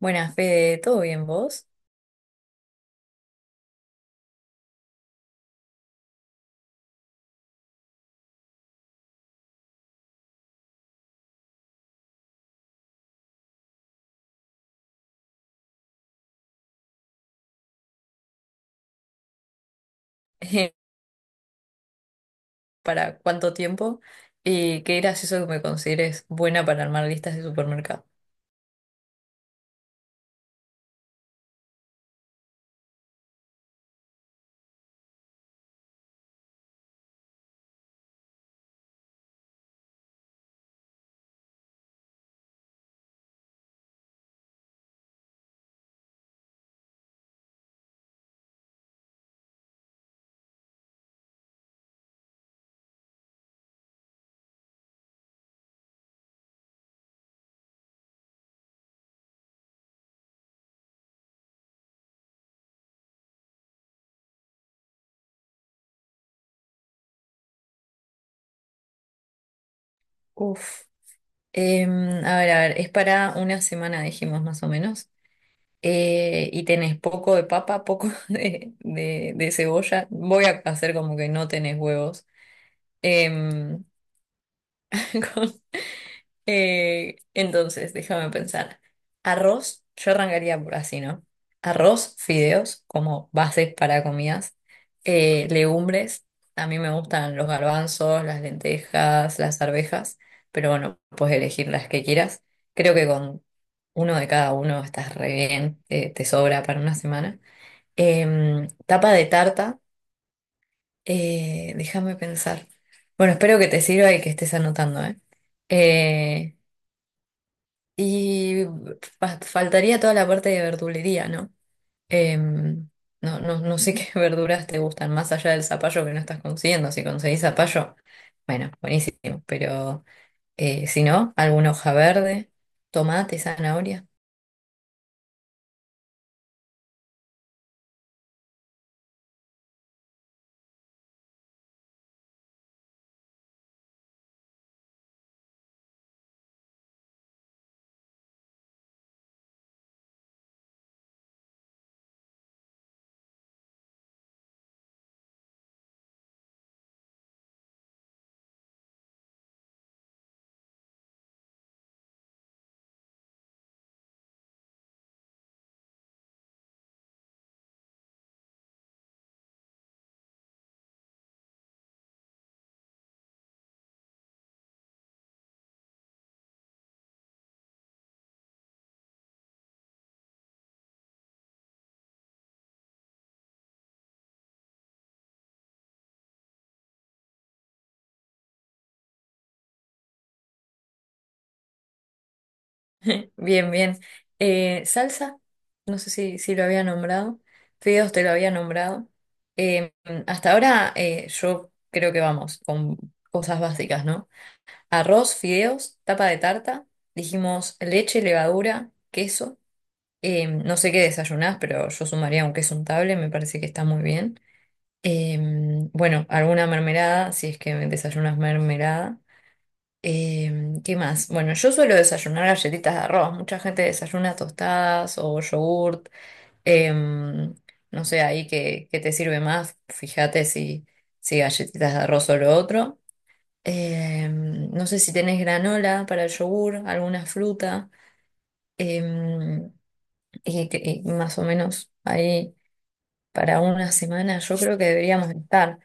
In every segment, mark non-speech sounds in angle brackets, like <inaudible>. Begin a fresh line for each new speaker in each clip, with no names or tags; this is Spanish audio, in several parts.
Buenas, Fede, ¿todo bien vos? <laughs> ¿Para cuánto tiempo? Y qué gracioso que me consideres buena para armar listas de supermercado. Uf. A ver, a ver, es para una semana, dijimos más o menos. Y tenés poco de papa, poco <laughs> de cebolla. Voy a hacer como que no tenés huevos. Em, <laughs> entonces, déjame pensar. Arroz, yo arrancaría por así, ¿no? Arroz, fideos como bases para comidas. Legumbres, a mí me gustan los garbanzos, las lentejas, las arvejas, pero bueno, puedes elegir las que quieras. Creo que con uno de cada uno estás re bien, te sobra para una semana. Tapa de tarta, déjame pensar. Bueno, espero que te sirva y que estés anotando, ¿eh? Eh, y Faltaría toda la parte de verdulería, ¿no? Em, no sé qué <laughs> verduras te gustan, más allá del zapallo que no estás consiguiendo. Si conseguís zapallo, bueno, buenísimo. Pero si no, alguna hoja verde, tomate, zanahoria. Bien, bien. Salsa, no sé si lo había nombrado. Fideos te lo había nombrado. Em, Hasta ahora yo creo que vamos con cosas básicas, ¿no? Arroz, fideos, tapa de tarta. Dijimos leche, levadura, queso. No sé qué desayunás, pero yo sumaría un queso untable, me parece que está muy bien. Bueno, alguna mermelada, si es que desayunas mermelada. ¿Qué más? Bueno, yo suelo desayunar galletitas de arroz. Mucha gente desayuna tostadas o yogurt. Em, no sé, ahí qué te sirve más. Fíjate si galletitas de arroz o lo otro. No sé si tenés granola para el yogur, alguna fruta, em, y más o menos ahí para una semana yo creo que deberíamos estar.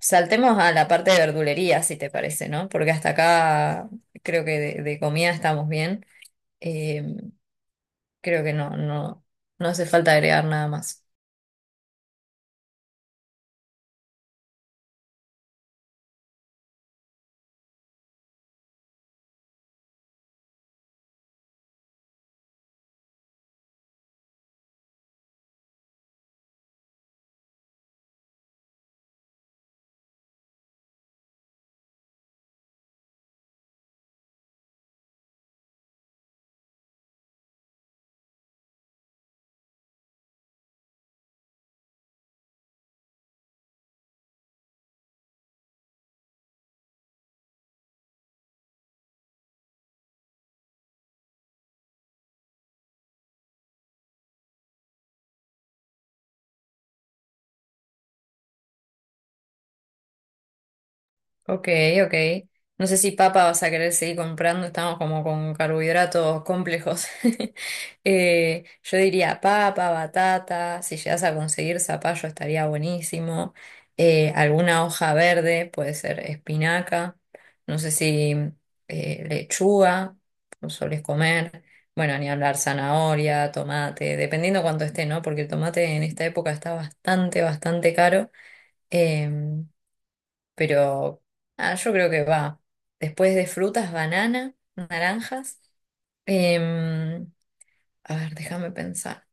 Saltemos a la parte de verdulería, si te parece, ¿no? Porque hasta acá creo que de comida estamos bien. Em, creo que no hace falta agregar nada más. Ok, ok. No sé si papa vas a querer seguir comprando, estamos como con carbohidratos complejos. <laughs> Yo diría papa, batata, si llegas a conseguir zapallo estaría buenísimo. Alguna hoja verde, puede ser espinaca, no sé si lechuga, no solés comer. Bueno, ni hablar zanahoria, tomate, dependiendo cuánto esté, ¿no? Porque el tomate en esta época está bastante, bastante caro. Em, pero ah, yo creo que va. Después de frutas, banana, naranjas. em, a ver, déjame pensar.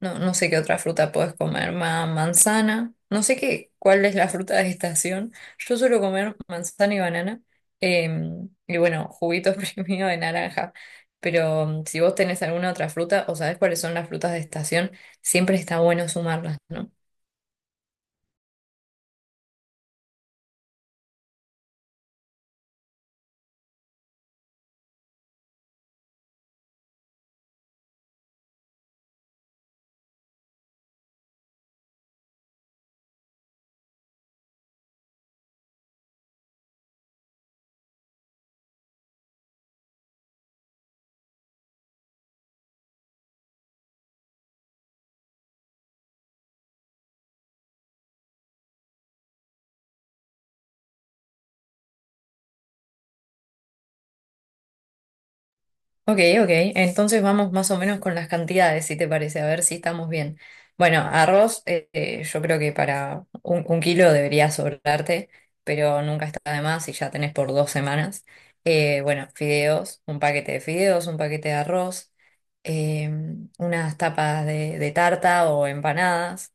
No, no sé qué otra fruta puedes comer. Manzana. No sé qué, cuál es la fruta de estación. Yo suelo comer manzana y banana. Y bueno, juguito <laughs> exprimido de naranja. Pero mm, si vos tenés alguna otra fruta o sabés cuáles son las frutas de estación, siempre está bueno sumarlas, ¿no? Ok, ok. Entonces vamos más o menos con las cantidades, si te parece, a ver si estamos bien. Bueno, arroz, yo creo que para un kilo debería sobrarte, pero nunca está de más si ya tenés por dos semanas. Bueno, fideos, un paquete de fideos, un paquete de arroz, unas tapas de tarta o empanadas.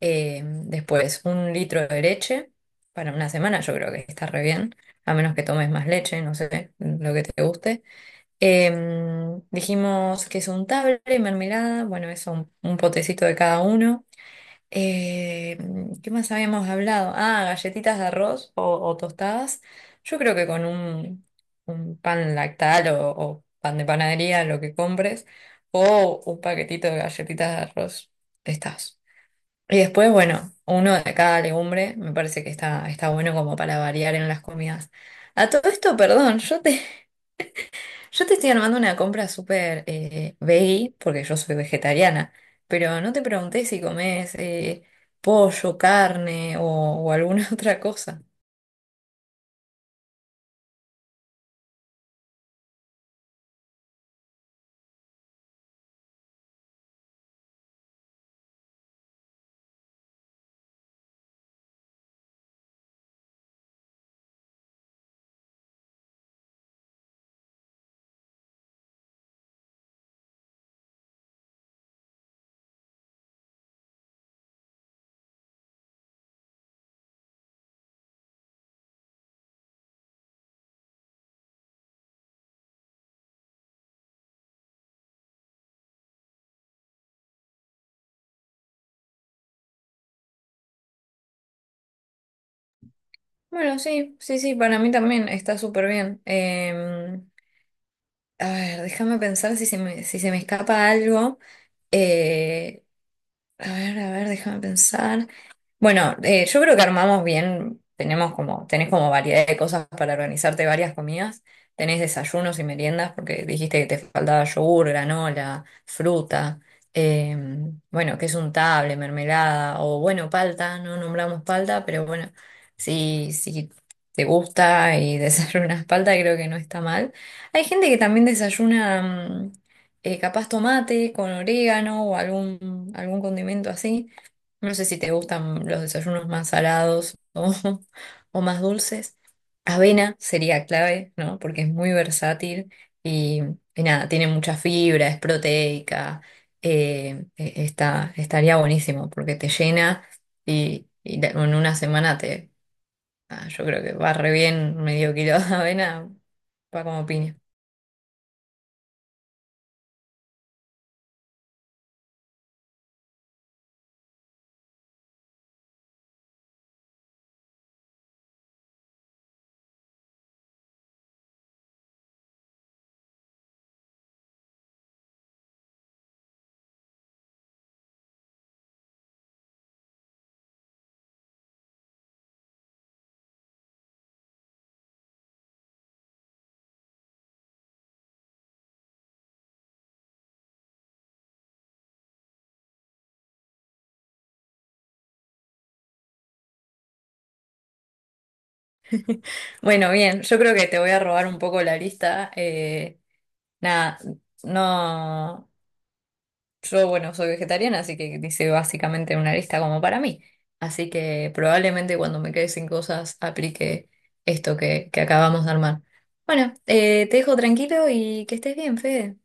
Después, un litro de leche para una semana, yo creo que está re bien, a menos que tomes más leche, no sé, lo que te guste. Dijimos que es untable y mermelada, bueno, eso, un potecito de cada uno. ¿Qué más habíamos hablado? Ah, galletitas de arroz o tostadas. Yo creo que con un pan lactal o pan de panadería, lo que compres, o un paquetito de galletitas de arroz, estás. Y después, bueno, uno de cada legumbre, me parece que está, está bueno como para variar en las comidas. A todo esto, perdón, yo te estoy armando una compra súper veggie, porque yo soy vegetariana, pero no te pregunté si comes pollo, carne o alguna <laughs> otra cosa. Bueno, sí, sí, sí, para mí también está súper bien. A ver, déjame pensar si se me escapa algo. Eh, a ver, a ver, déjame pensar. Bueno, yo creo que armamos bien, tenemos como, tenés como variedad de cosas para organizarte varias comidas, tenés desayunos y meriendas, porque dijiste que te faltaba yogur, granola, fruta, eh, bueno, que es un table, mermelada, o bueno, palta, no nombramos palta, pero bueno, si te gusta y <laughs> desayunas palta, creo que no está mal. Hay gente que también desayuna mm, capaz tomate con orégano o algún condimento así. No sé si te gustan los desayunos más salados o, <laughs> o más dulces. Avena sería clave, ¿no? Porque es muy versátil y, y nada, tiene mucha fibra, es proteica. Estaría buenísimo porque te llena y, en una semana te... ah, yo creo que va re bien medio kilo de avena, va como piña. Bueno, bien, yo creo que te voy a robar un poco la lista. Nada, no. Yo, bueno, soy vegetariana, así que dice básicamente una lista como para mí. Así que probablemente cuando me quede sin cosas aplique esto que acabamos de armar. Bueno, te dejo tranquilo y que estés bien, Fede.